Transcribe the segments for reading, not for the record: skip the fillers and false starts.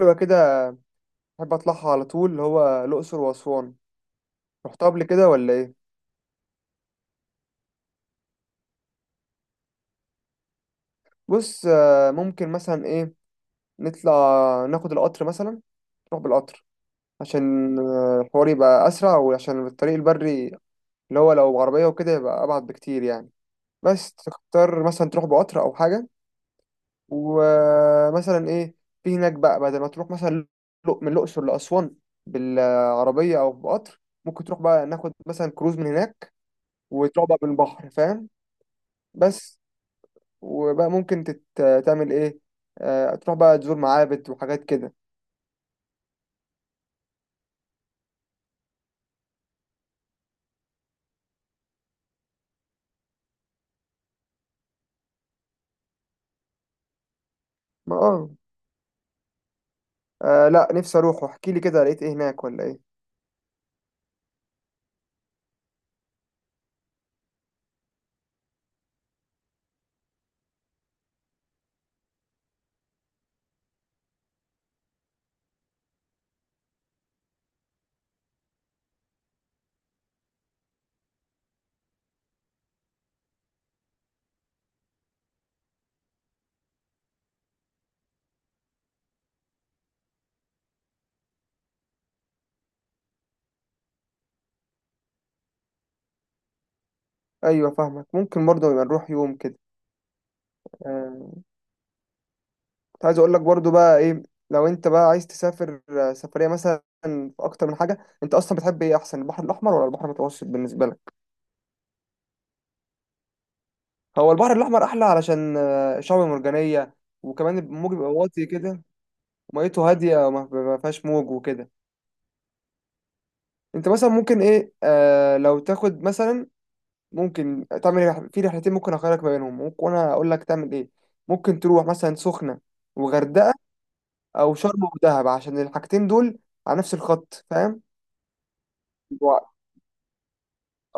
حلوة كده. أحب أطلعها على طول اللي هو الأقصر وأسوان. رحتها قبل كده ولا إيه؟ بص، ممكن مثلا إيه، نطلع، ناخد القطر مثلا، نروح بالقطر عشان الحوار يبقى أسرع، وعشان الطريق البري اللي هو لو عربية وكده يبقى أبعد بكتير يعني. بس تختار مثلا تروح بقطر أو حاجة، ومثلا إيه في هناك بقى، بدل ما تروح مثلا من الأقصر لأسوان بالعربية أو بقطر، ممكن تروح بقى ناخد مثلا كروز من هناك، وتروح بقى بالبحر، فاهم؟ بس. وبقى ممكن تعمل ايه، تروح بقى تزور معابد وحاجات كده. ما لا، نفسي اروح، احكي لي كده لقيت ايه هناك ولا ايه. ايوه فاهمك، ممكن برضه نبقى نروح يوم كده. آه، كنت عايز اقول لك برضه بقى ايه، لو انت بقى عايز تسافر سفريه مثلا في اكتر من حاجه، انت اصلا بتحب ايه احسن، البحر الاحمر ولا البحر المتوسط بالنسبه لك؟ هو البحر الاحمر احلى علشان شعب مرجانيه، وكمان الموج بيبقى واطي كده. وميته هاديه، وما ما فيهاش موج وكده. انت مثلا ممكن ايه، آه لو تاخد مثلا، ممكن تعمل في رحلتين ممكن اخيرك ما بينهم، ممكن وانا اقول لك تعمل ايه. ممكن تروح مثلا سخنة وغردقة، او شرم ودهب، عشان الحاجتين دول على نفس الخط فاهم. و-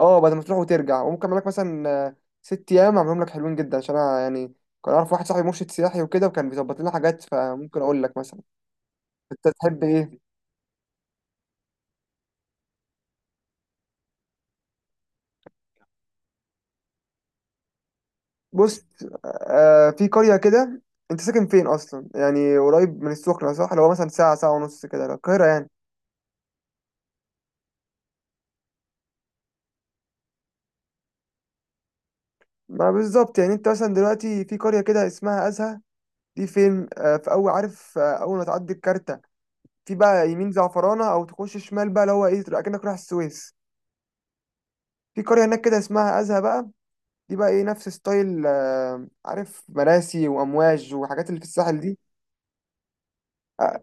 اه، بدل ما تروح وترجع، وممكن اعمل لك مثلا 6 ايام اعملهم لك حلوين جدا، عشان انا يعني كان اعرف واحد صاحبي مرشد سياحي وكده، وكان بيظبط لنا حاجات، فممكن اقول لك مثلا. انت تحب ايه؟ بص، في قرية كده. انت ساكن فين اصلا؟ يعني قريب من السخنة صح؟ اللي هو مثلا ساعة، ساعة ونص كده لو القاهرة يعني. ما بالظبط، يعني انت مثلا دلوقتي في قرية كده اسمها أزهى، دي فين؟ في أول، عارف، أول ما تعدي الكارتة، في بقى يمين زعفرانة أو تخش شمال بقى، اللي هو إيه، تبقى كأنك رايح السويس. في قرية هناك كده اسمها أزهى بقى، دي بقى إيه، نفس ستايل عارف، مراسي وأمواج وحاجات اللي في الساحل دي. آه،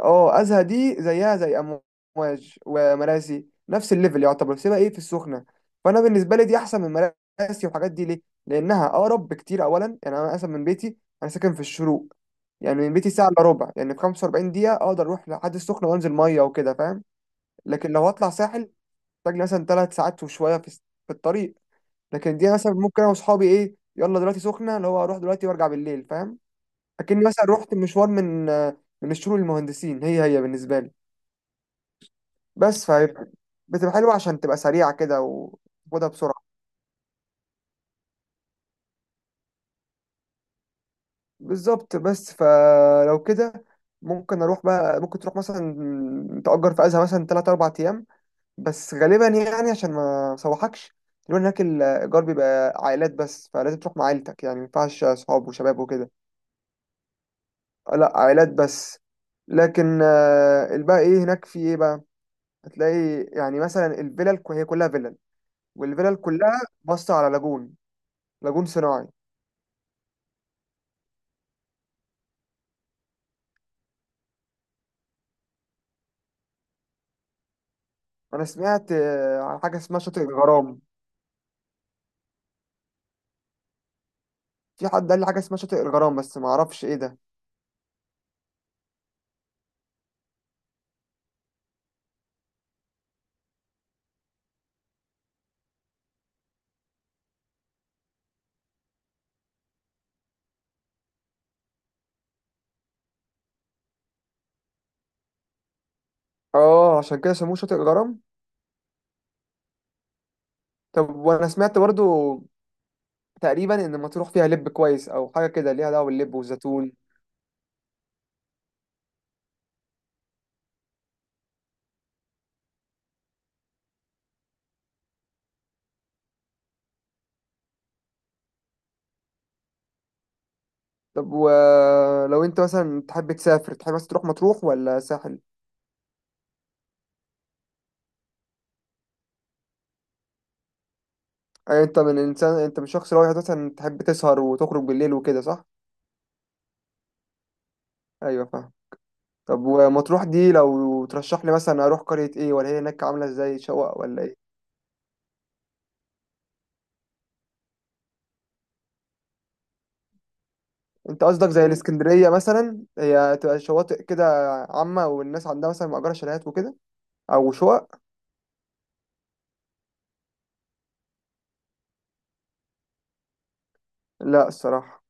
اه ازهى دي زيها زي امواج ومراسي، نفس الليفل يعتبر. سيبها ايه في السخنه، فانا بالنسبه لي دي احسن من مراسي والحاجات دي، ليه؟ لانها اقرب بكتير اولا، يعني انا مثلا من بيتي، انا ساكن في الشروق، يعني من بيتي ساعه الا ربع، يعني في 45 دقيقه اقدر اروح لحد السخنه وانزل ميه وكده، فاهم. لكن لو هطلع ساحل محتاج لي مثلا 3 ساعات وشويه في الطريق. لكن دي مثلا ممكن انا واصحابي ايه، يلا دلوقتي سخنه، اللي هو اروح دلوقتي وارجع بالليل، فاهم. اكني مثلا رحت مشوار من الشروق للمهندسين، هي هي بالنسبه لي. بس، فبتبقى حلوة عشان تبقى سريعة كده وتاخدها بسرعة. بالظبط. بس فلو كده ممكن اروح بقى، ممكن تروح مثلا تأجر في ازها مثلا 3 4 ايام. بس غالبا يعني عشان ما سوحكش، لو هناك الايجار بيبقى عائلات بس، فلازم تروح مع عيلتك يعني، ما ينفعش صحاب وشباب وكده. لا عائلات بس. لكن الباقي ايه هناك، في ايه بقى؟ هتلاقي يعني مثلا الفيلل هي كلها فيلل، والفيلل كلها باصة على لاجون، لاجون صناعي. انا سمعت عن حاجه اسمها شاطئ الغرام. في حد قال لي حاجه اسمها شاطئ الغرام بس ما اعرفش ايه ده. اه عشان كده سموه شاطئ الغرام. طب وانا سمعت برضو تقريبا ان مطروح فيها لب كويس او حاجه كده، ليها دعوه باللب والزيتون. طب ولو انت مثلا تحب تسافر، تحب مثلا تروح مطروح ولا ساحل؟ أيوة. انت من انسان، انت من شخص رايح مثلا تحب تسهر وتخرج بالليل وكده صح؟ ايوه فاهم. طب ومطروح دي لو ترشح لي مثلا اروح قريه ايه؟ ولا هي هناك عامله ازاي، شقق ولا ايه؟ انت قصدك زي الاسكندريه مثلا، هي تبقى شواطئ كده عامه والناس عندها مثلا مأجره شاليهات وكده، او شقق. لا الصراحه.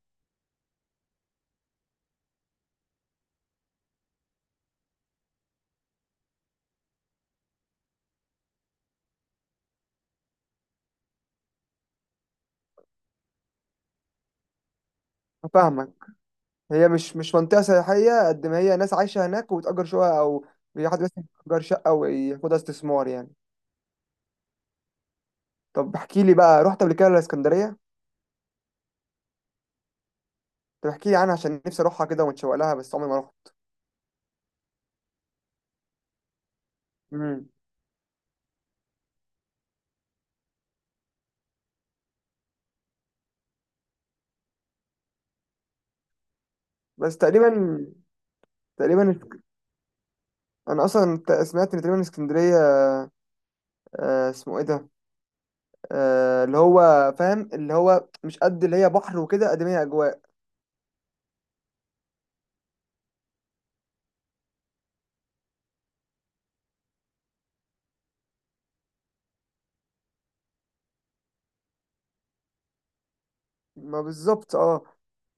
فاهمك. هي مش منطقه سياحيه قد ما هي ناس عايشه هناك وبتأجر شقق، او في حد مثلا يأجر شقه وياخدها استثمار يعني. طب احكي لي بقى، رحت قبل كده الاسكندريه؟ طب احكي لي عنها عشان نفسي اروحها كده ومتشوق لها، بس عمري ما رحت. امم. بس تقريبا، تقريبا انا اصلا سمعت ان تقريبا اسكندريه، اسمه ايه ده، اللي هو فاهم، اللي هو مش قد اللي هي بحر وكده قد ما هي اجواء. ما بالظبط اه.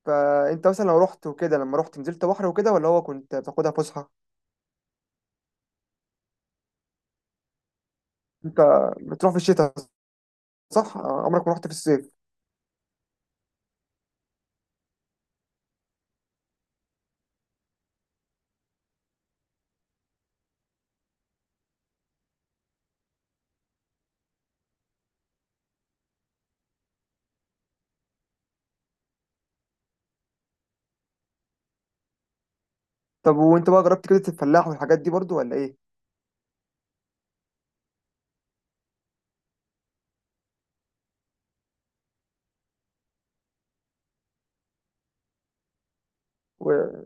فانت مثلا لو رحت وكده، لما رحت نزلت بحر وكده ولا هو كنت بتاخدها فسحه؟ انت بتروح في الشتاء صح؟ عمرك ما رحت في الصيف؟ طب وانت بقى جربت كده الفلاح والحاجات دي برضو ولا ايه؟ و...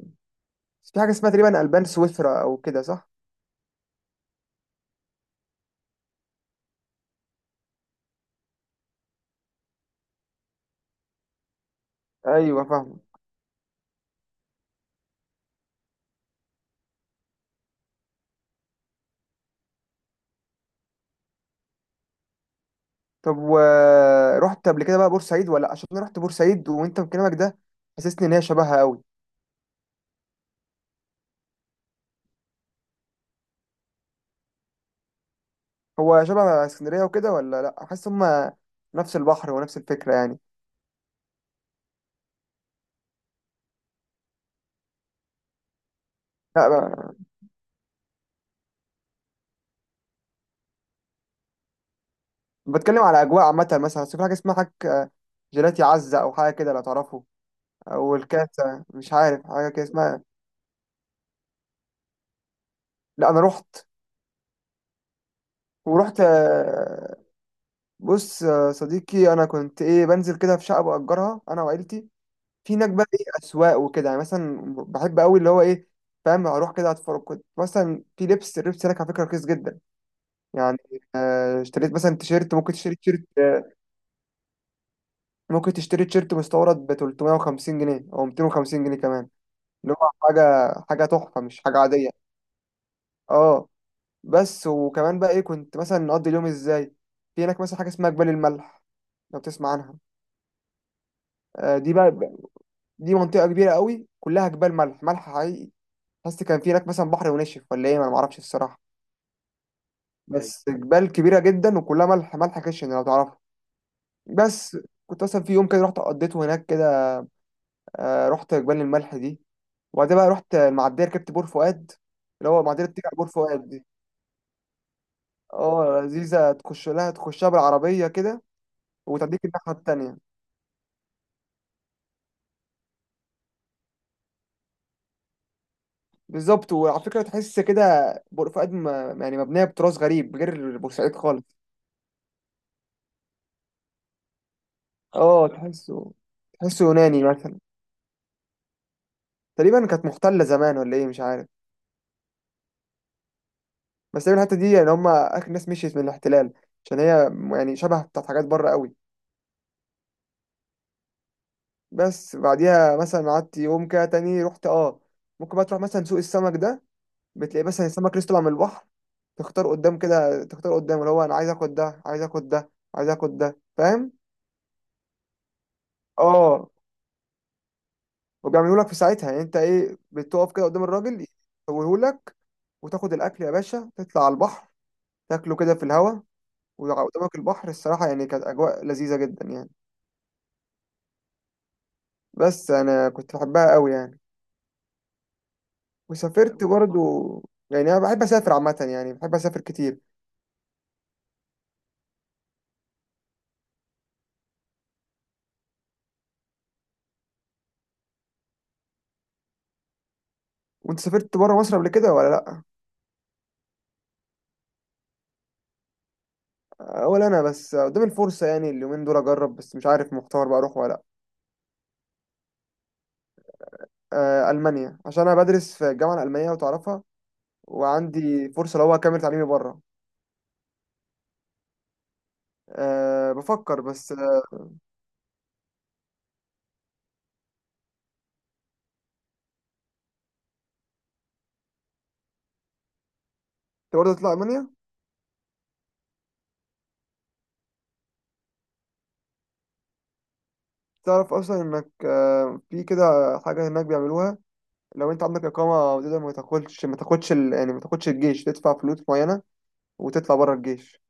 في حاجه اسمها تقريبا البان سويسرا او كده صح؟ ايوه فاهم. طب ورحت قبل كده بقى بورسعيد؟ ولا، عشان انا رحت بورسعيد وانت من كلامك ده حسسني ان هي شبهها قوي. هو شبه اسكندرية وكده ولا لأ؟ حاسس هما نفس البحر ونفس الفكرة يعني. لأ بتكلم على أجواء عامة مثلا، بس في حاجة اسمها حاجة جيلاتي عزة أو حاجة كده لو تعرفه، أو الكاسة، مش عارف حاجة كده اسمها. لأ أنا رحت. ورحت بص، صديقي، أنا كنت إيه بنزل كده في شقة بأجرها أنا وعيلتي، في هناك بقى إيه أسواق وكده يعني. مثلا بحب أوي اللي هو إيه فاهم، أروح كده أتفرج. كنت مثلا في لبس، اللبس هناك على فكرة رخيص جدا يعني. اشتريت مثلا تيشيرت، ممكن تشتري تيشيرت مستورد ب 350 جنيه او 250 جنيه كمان. اللي هو حاجه حاجه تحفه، مش حاجه عاديه. اه. بس وكمان بقى ايه كنت مثلا نقضي اليوم ازاي؟ في هناك مثلا حاجه اسمها جبال الملح، لو تسمع عنها. دي بقى، دي منطقه كبيره قوي، كلها جبال ملح، ملح حقيقي. حاسس كان في هناك مثلا بحر ونشف ولا ايه، ما انا معرفش الصراحه. بس جبال كبيره جدا وكلها ملح، ملح خشن، لو تعرفها. بس. كنت مثلا في يوم كده رحت قضيته هناك كده. رحت جبال الملح دي. وبعدين بقى رحت المعديه، ركبت بور فؤاد، اللي هو معديه اللي بتيجي على بور فؤاد دي. اه لذيذه، تخش لها، تخشها بالعربيه كده وتديك الناحيه التانيه. بالظبط. وعلى فكره تحس كده بور فؤاد يعني مبنيه بتراث غريب، غير بورسعيد خالص. اه تحسه يوناني مثلا. تقريبا كانت محتله زمان ولا ايه، مش عارف. بس تقريبا الحته دي يعني هم اخر ناس مشيت من الاحتلال، عشان هي يعني شبه بتاعت حاجات بره قوي. بس بعديها مثلا قعدت يوم كده تاني، رحت اه ممكن بقى تروح مثلا سوق السمك ده، بتلاقي مثلا السمك لسه طالع من البحر، تختار قدام كده، تختار قدام اللي هو انا عايز اخد ده، عايز اخد ده، عايز اخد ده، فاهم. اه. وبيعملوا لك في ساعتها، يعني انت ايه بتقف كده قدام الراجل يسويهولك، وتاخد الاكل يا باشا، تطلع على البحر، تاكله كده في الهوا وقدامك البحر. الصراحه يعني كانت اجواء لذيذه جدا يعني. بس انا كنت بحبها قوي يعني. وسافرت برضو، يعني انا بحب اسافر عامه، يعني بحب اسافر كتير. وانت سافرت بره مصر قبل كده ولا لا؟ ولا انا بس قدام الفرصه يعني اليومين دول اجرب، بس مش عارف مختار بقى اروح ولا لا. المانيا، عشان انا بدرس في الجامعه الالمانيه وتعرفها، وعندي فرصه لو هو اكمل تعليمي بره. أه بفكر، بس انت برضه تطلع المانيا؟ تعرف اصلا انك في كده حاجه هناك بيعملوها، لو انت عندك اقامه تقدر ما تاخدش، يعني ما تاخدش الجيش، تدفع فلوس معينه وتطلع بره الجيش.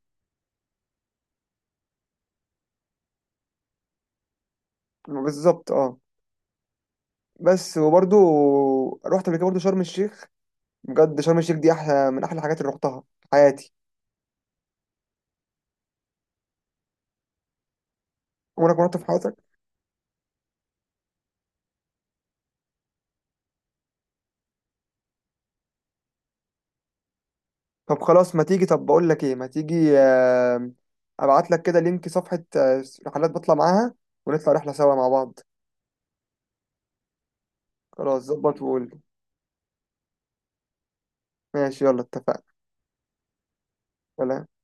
بالظبط اه. بس وبرضه رحت قبل كده برضه شرم الشيخ. بجد شرم الشيخ دي احلى من احلى الحاجات اللي رحتها في حياتي. وانا كنت في حياتك. طب خلاص ما تيجي، طب بقول لك ايه، ما تيجي ابعت لك كده لينك صفحة رحلات بطلع معاها، ونطلع رحلة سوا مع بعض. خلاص ظبط وقول لي. ماشي يلا اتفقنا. سلام.